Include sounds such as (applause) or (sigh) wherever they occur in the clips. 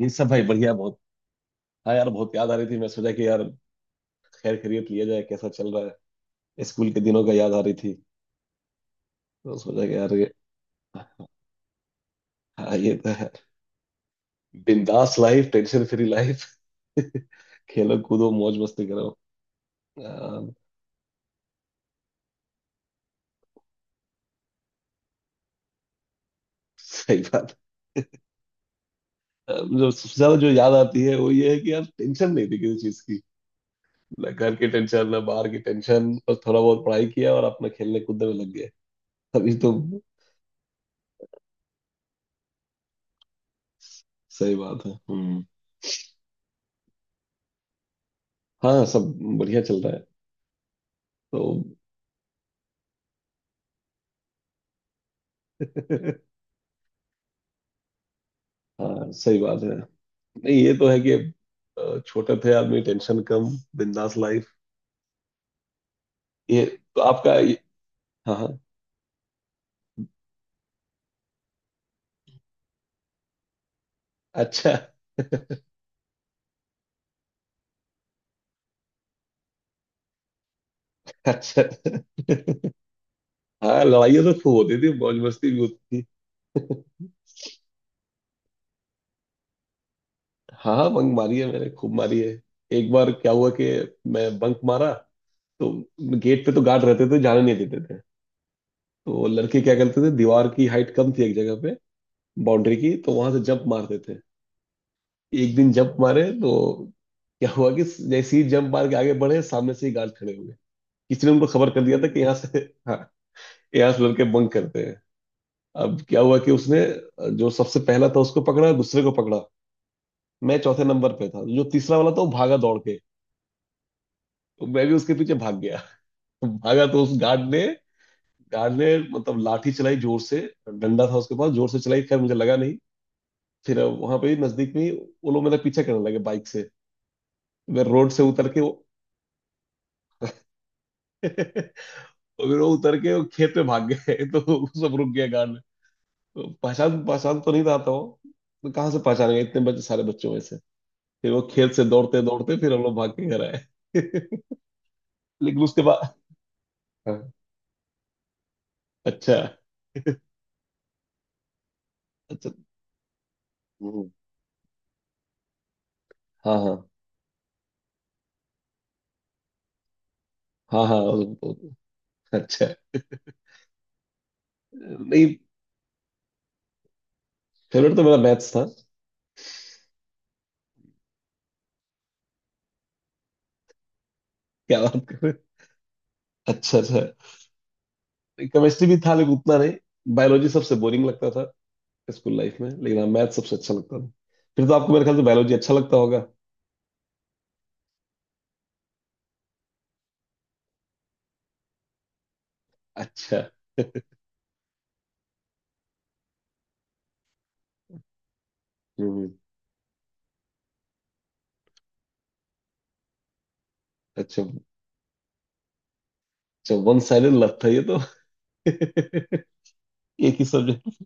ये सब भाई बढ़िया बहुत। हाँ यार, बहुत याद आ रही थी, मैं सोचा कि यार। खैर खैरियत लिया जाए, कैसा चल रहा है। स्कूल के दिनों का याद आ रही थी। तो सोचा कि यार ये। हाँ, ये तो है। बिंदास लाइफ, टेंशन फ्री लाइफ। (laughs) खेलो कूदो, मौज मस्ती करो। अम, सही बात। जो सबसे ज्यादा जो याद आती है वो ये है कि यार टेंशन नहीं थी किसी चीज की। ना घर की टेंशन, ना बाहर की टेंशन, बस थोड़ा बहुत पढ़ाई किया और अपना खेलने कूदने में लग गए। अभी तो। सही बात है। हम्म। हाँ, सब बढ़िया चल रहा है। तो। (laughs) हाँ, सही बात है। नहीं ये तो है कि। छोटे थे आदमी, टेंशन कम। बिंदास लाइफ। ये। तो आपका हाँ हाँ। अच्छा अच्छा। हाँ, लड़ाइयाँ तो खूब होती थी, मौज मस्ती भी होती थी। हाँ हाँ, बंक मारी है मैंने, खूब मारी है। एक बार क्या हुआ कि। मैं बंक मारा। तो। गेट पे तो गार्ड रहते थे, जाने नहीं देते थे। तो लड़के क्या करते थे, दीवार की हाइट कम थी एक जगह पे। बाउंड्री की, तो वहां से जंप मारते थे। एक दिन जंप मारे तो। क्या हुआ कि। जैसे ही जंप मार के आगे बढ़े, सामने से ही गार्ड खड़े हुए। किसी ने उनको खबर कर दिया था कि यहाँ से। हाँ। यहाँ से लड़के बंक करते हैं। अब क्या हुआ कि उसने। जो सबसे पहला था उसको पकड़ा, दूसरे को पकड़ा। मैं चौथे नंबर पे था, जो तीसरा वाला था वो भागा दौड़ के। तो मैं भी उसके पीछे भाग गया। तो भागा तो उस गार्ड ने। गार्ड ने मतलब लाठी चलाई जोर से। डंडा था उसके पास, जोर से चलाई, खैर मुझे लगा नहीं। फिर वहां पे ही, नजदीक में ही। वो लोग मेरा पीछा करने लगे बाइक से। मैं रोड से उतर के वो। (laughs) और। फिर वो उतर के वो खेत में भाग गए (laughs) तो वो सब रुक गया, गार्ड। पहचान पहचान तो नहीं आता वो। तो कहाँ से पहचानेंगे, इतने बच्चे, सारे बच्चों में से। फिर वो खेत से दौड़ते दौड़ते, फिर हम लोग भाग के घर आए। (laughs) लेकिन उसके बाद। हाँ, अच्छा अच्छा। हम्म। हाँ हाँ। हाँ हाँ अच्छा। नहीं, फेवरेट तो मेरा मैथ्स था। क्या बात कर रहे हो? अच्छा अच्छा। केमिस्ट्री भी था लेकिन उतना नहीं। बायोलॉजी सबसे बोरिंग लगता था स्कूल लाइफ में, लेकिन हाँ, मैथ सबसे अच्छा लगता था। फिर तो आपको मेरे ख्याल से बायोलॉजी अच्छा लगता होगा। अच्छा। हम्म। अच्छा, अच्छा वन साइडेड लत था ये तो। एक ही सब्जेक्ट।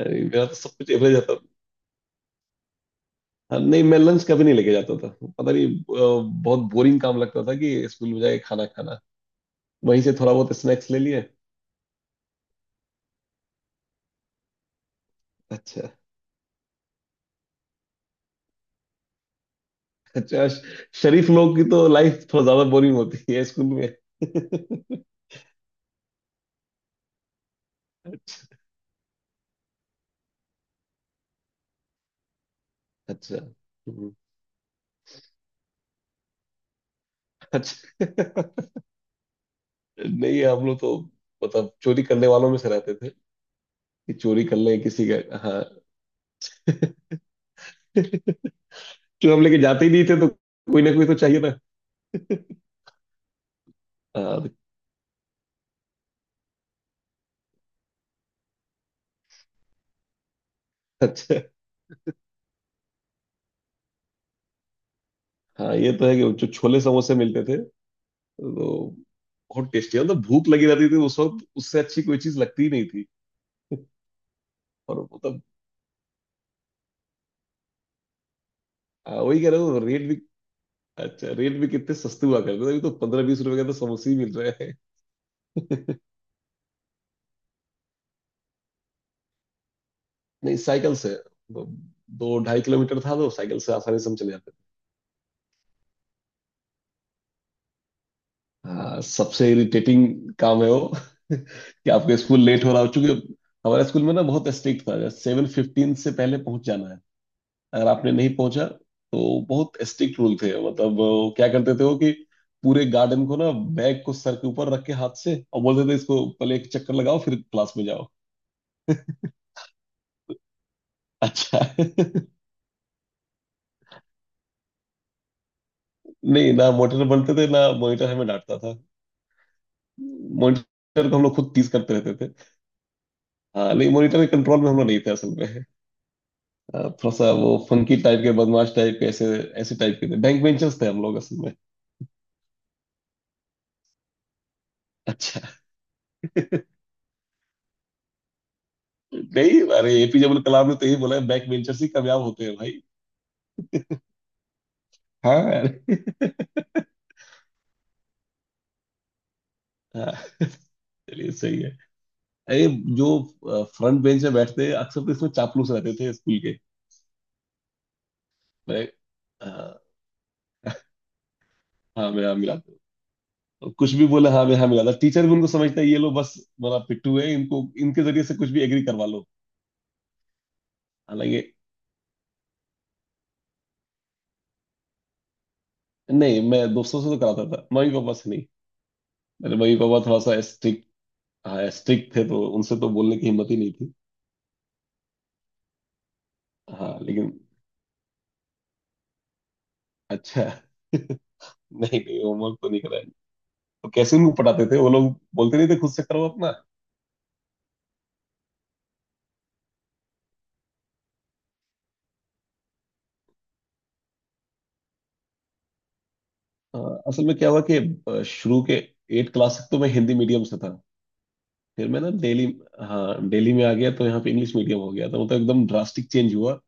अरे मेरा तो सब कुछ एवरेज आता था। हाँ, नहीं मैं लंच कभी नहीं लेके जाता था। पता नहीं, बहुत बोरिंग काम लगता था कि स्कूल में जाके खाना खाना। वहीं से थोड़ा बहुत स्नैक्स ले लिए। अच्छा। अच्छा शरीफ लोग की तो लाइफ थोड़ा ज्यादा बोरिंग होती है स्कूल में। अच्छा। हम्म। अच्छा। नहीं, हम लोग तो। मतलब चोरी करने वालों में से रहते थे। कि चोरी कर लें किसी का। हाँ। (laughs) क्यों? हम लेके जाते ही नहीं थे तो। कोई ना कोई तो चाहिए था। हाँ, अच्छा। हाँ, ये तो है कि जो छोले समोसे मिलते थे। तो। बहुत टेस्टी, मतलब भूख लगी रहती थी उस वक्त, उससे अच्छी कोई चीज लगती ही नहीं थी। और मतलब। हाँ, वही कह रहा हूँ, रेट भी। अच्छा, रेट भी कितने सस्ते हुआ करते थे। अभी तो 15-20 रुपए का तो समोसे ही मिल रहे हैं। (laughs) नहीं, साइकिल से। दो 2-2.5 किलोमीटर था तो साइकिल से आसानी से हम चले जाते थे। हाँ, सबसे इरिटेटिंग काम है वो (laughs) कि आपका स्कूल लेट हो रहा हो, चूंकि। हमारे स्कूल में ना बहुत स्ट्रिक्ट था, 7:15 से पहले पहुंच जाना है। अगर आपने नहीं पहुंचा। तो बहुत स्ट्रिक्ट रूल थे, मतलब वो क्या करते थे वो कि। पूरे गार्डन को ना। बैग को सर के ऊपर रख के हाथ से और बोलते थे, इसको पहले एक चक्कर लगाओ फिर क्लास में जाओ। अच्छा। (laughs) नहीं। ना मॉनिटर बनते थे, ना मॉनिटर हमें डांटता था। मॉनिटर को हम लोग खुद टीज करते रहते थे। हाँ, नहीं मॉनिटर के कंट्रोल में हम लोग नहीं थे असल में। हाँ, थोड़ा सा वो फंकी टाइप के, बदमाश टाइप के, ऐसे। ऐसे टाइप के थे, बैक बेंचर्स थे हम लोग असल में। अच्छा। (laughs) नहीं, अरे एपीजे अब्दुल कलाम ने तो यही बोला है, बैक बेंचर्स ही कामयाब होते हैं भाई। हाँ। अरे (laughs) हाँ। चलिए, सही है। अरे। जो। फ्रंट बेंच में बैठते अक्सर, तो इसमें चापलूस रहते थे स्कूल के। मैं। अ, हाँ, मैं हाँ मिला था। और कुछ भी बोला हाँ, मैं हाँ मिला था, टीचर भी उनको समझता है ये लोग बस। मेरा पिट्ठू है इनको, इनके जरिए से कुछ भी एग्री करवा लो। हालांकि। नहीं, मैं दोस्तों से तो कराता था, मम्मी पापा से नहीं। मेरे मम्मी पापा थोड़ा सा स्ट्रिक्ट। हाँ स्ट्रिक्ट थे, तो उनसे तो बोलने की हिम्मत ही नहीं थी। हाँ लेकिन। अच्छा। (laughs) नहीं नहीं, होमवर्क तो नहीं कराया। तो कैसे उनको पढ़ाते थे, वो लोग बोलते नहीं थे खुद से करो अपना। अ, असल में क्या हुआ कि। शुरू के। 8 क्लास तक तो मैं हिंदी मीडियम से था। फिर मैं ना दिल्ली। हाँ, दिल्ली में आ गया तो यहाँ पे इंग्लिश मीडियम हो गया, तो मतलब एकदम ड्रास्टिक चेंज हुआ।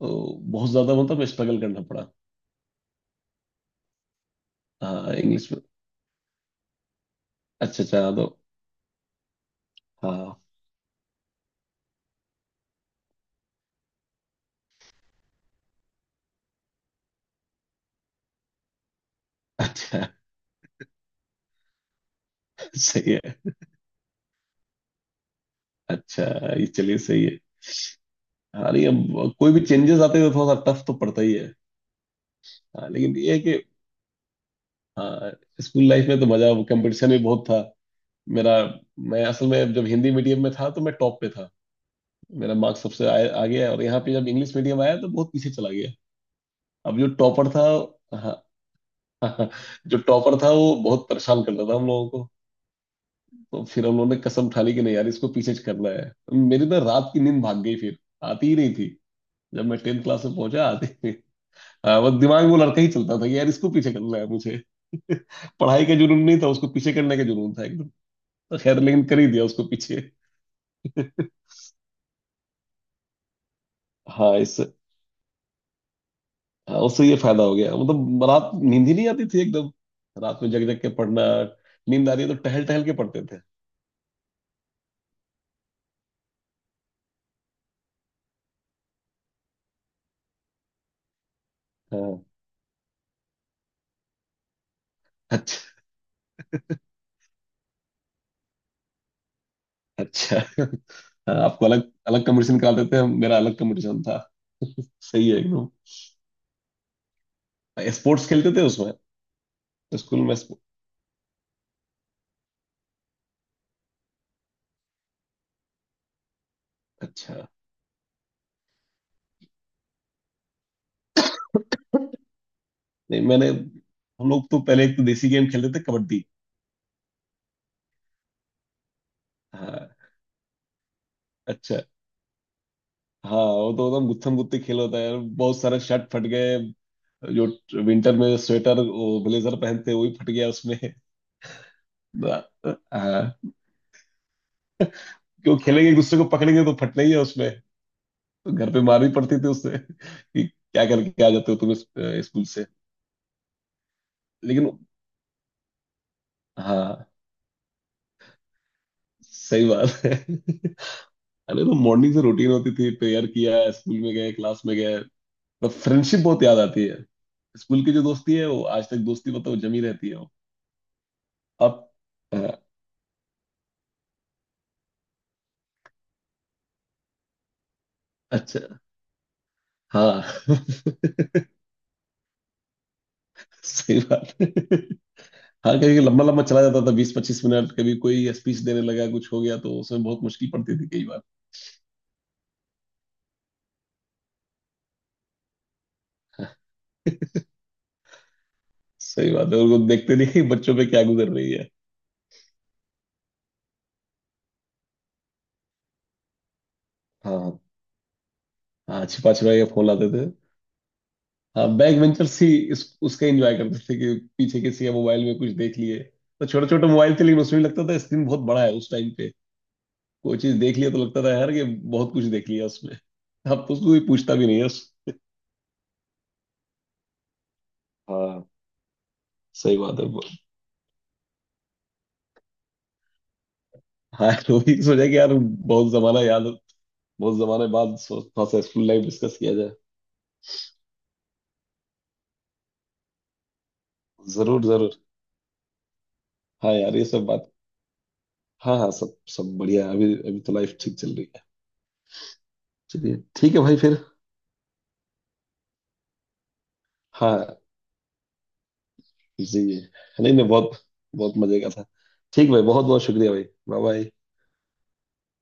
तो। बहुत ज्यादा मतलब स्ट्रगल करना पड़ा। हाँ, इंग्लिश में। अच्छा अच्छा, तो। हाँ। अच्छा। (laughs) सही है। अच्छा। ये चलिए, सही है। हाँ नहीं, अब कोई भी चेंजेस आते हैं तो थोड़ा सा टफ तो पड़ता ही है। हाँ लेकिन ये है कि। हाँ। स्कूल लाइफ में तो मजा, कंपटीशन भी बहुत था। मेरा। मैं असल में जब हिंदी मीडियम में था तो मैं टॉप पे था। मेरा मार्क्स सबसे आगे है, और यहाँ पे जब इंग्लिश मीडियम आया तो बहुत पीछे चला गया। अब जो टॉपर था। हाँ। जो टॉपर था वो बहुत परेशान करता था हम लोगों को। तो फिर हम लोगों ने कसम उठा ली कि नहीं यार, इसको पीछे करना है। मेरी ना रात की नींद भाग गई फिर। आती ही नहीं थी। जब मैं 10th क्लास में पहुंचा, आती ही नहीं। हाँ, बस दिमाग में वो लड़का ही चलता था कि यार, इसको पीछे करना है मुझे। (laughs) पढ़ाई का जुनून नहीं था, उसको पीछे करने का जुनून था एकदम। तो खैर, लेकिन कर ही दिया उसको पीछे। हाँ इस। हाँ, उससे ये फायदा हो गया, मतलब रात नींद ही नहीं आती थी एकदम। रात में जग जग के पढ़ना। नींद आ रही है तो टहल टहल के पढ़ते थे। हाँ। अच्छा अच्छा। (laughs) हाँ, आपको अलग अलग कंपटीशन निकालते थे, मेरा अलग कंपटीशन था। सही है एकदम। स्पोर्ट्स खेलते थे उसमें। स्कूल में अच्छा। नहीं मैंने, हम लोग तो पहले एक तो देसी गेम खेलते थे, कबड्डी। हाँ। अच्छा। हाँ, वो तो एकदम गुत्थम गुत्ती खेल होता है यार। बहुत सारे शर्ट फट गए। जो विंटर में स्वेटर वो ब्लेजर पहनते हैं, वो भी फट गया उसमें। ब- हाँ। क्यों खेलेंगे एक दूसरे को पकड़ेंगे तो फटना ही है उसमें। तो घर पे मार भी पड़ती थी उससे (laughs) कि क्या करके आ जाते हो तुम स्कूल से। लेकिन। हाँ। सही बात है। (laughs) अरे तो मॉर्निंग से रूटीन होती थी, प्रेयर किया, स्कूल में गए, क्लास में गए। तो फ्रेंडशिप बहुत याद आती है। स्कूल की जो दोस्ती है वो आज तक दोस्ती मतलब जमी रहती है वो। अब। अ, अच्छा। हाँ। (laughs) सही बात है। हाँ, कभी कभी लंबा लंबा चला जाता था, 20-25 मिनट, कभी कोई स्पीच देने लगा कुछ हो गया तो उसमें बहुत मुश्किल पड़ती थी कई बार। सही बात है, उनको देखते नहीं कि बच्चों पे क्या गुजर रही है। हाँ। हाँ, छिपा छिपा के फोन लाते थे। हाँ, बैक वेंचर्स ही। इस। उसका एंजॉय करते थे कि पीछे किसी के मोबाइल में कुछ देख लिए। तो छोटे छोटे मोबाइल थे लेकिन उसमें भी लगता था स्क्रीन बहुत बड़ा है उस टाइम पे। कोई चीज देख लिया तो लगता था यार कि बहुत कुछ देख लिया उसमें। अब तो उसको कोई पूछता भी नहीं है। हाँ, सही बात है। हाँ, वही सोचा कि यार बहुत जमाना याद। बहुत जमाने बाद थोड़ा सा स्कूल लाइफ डिस्कस किया जाए। जरूर जरूर। हाँ यार, ये सब बात। हाँ हाँ, सब सब बढ़िया है, अभी अभी तो लाइफ ठीक चल रही है। चलिए ठीक है भाई फिर। हाँ। जी। नहीं नहीं, बहुत। बहुत मजे का था। ठीक भाई, बहुत बहुत शुक्रिया भाई, बाय बाय।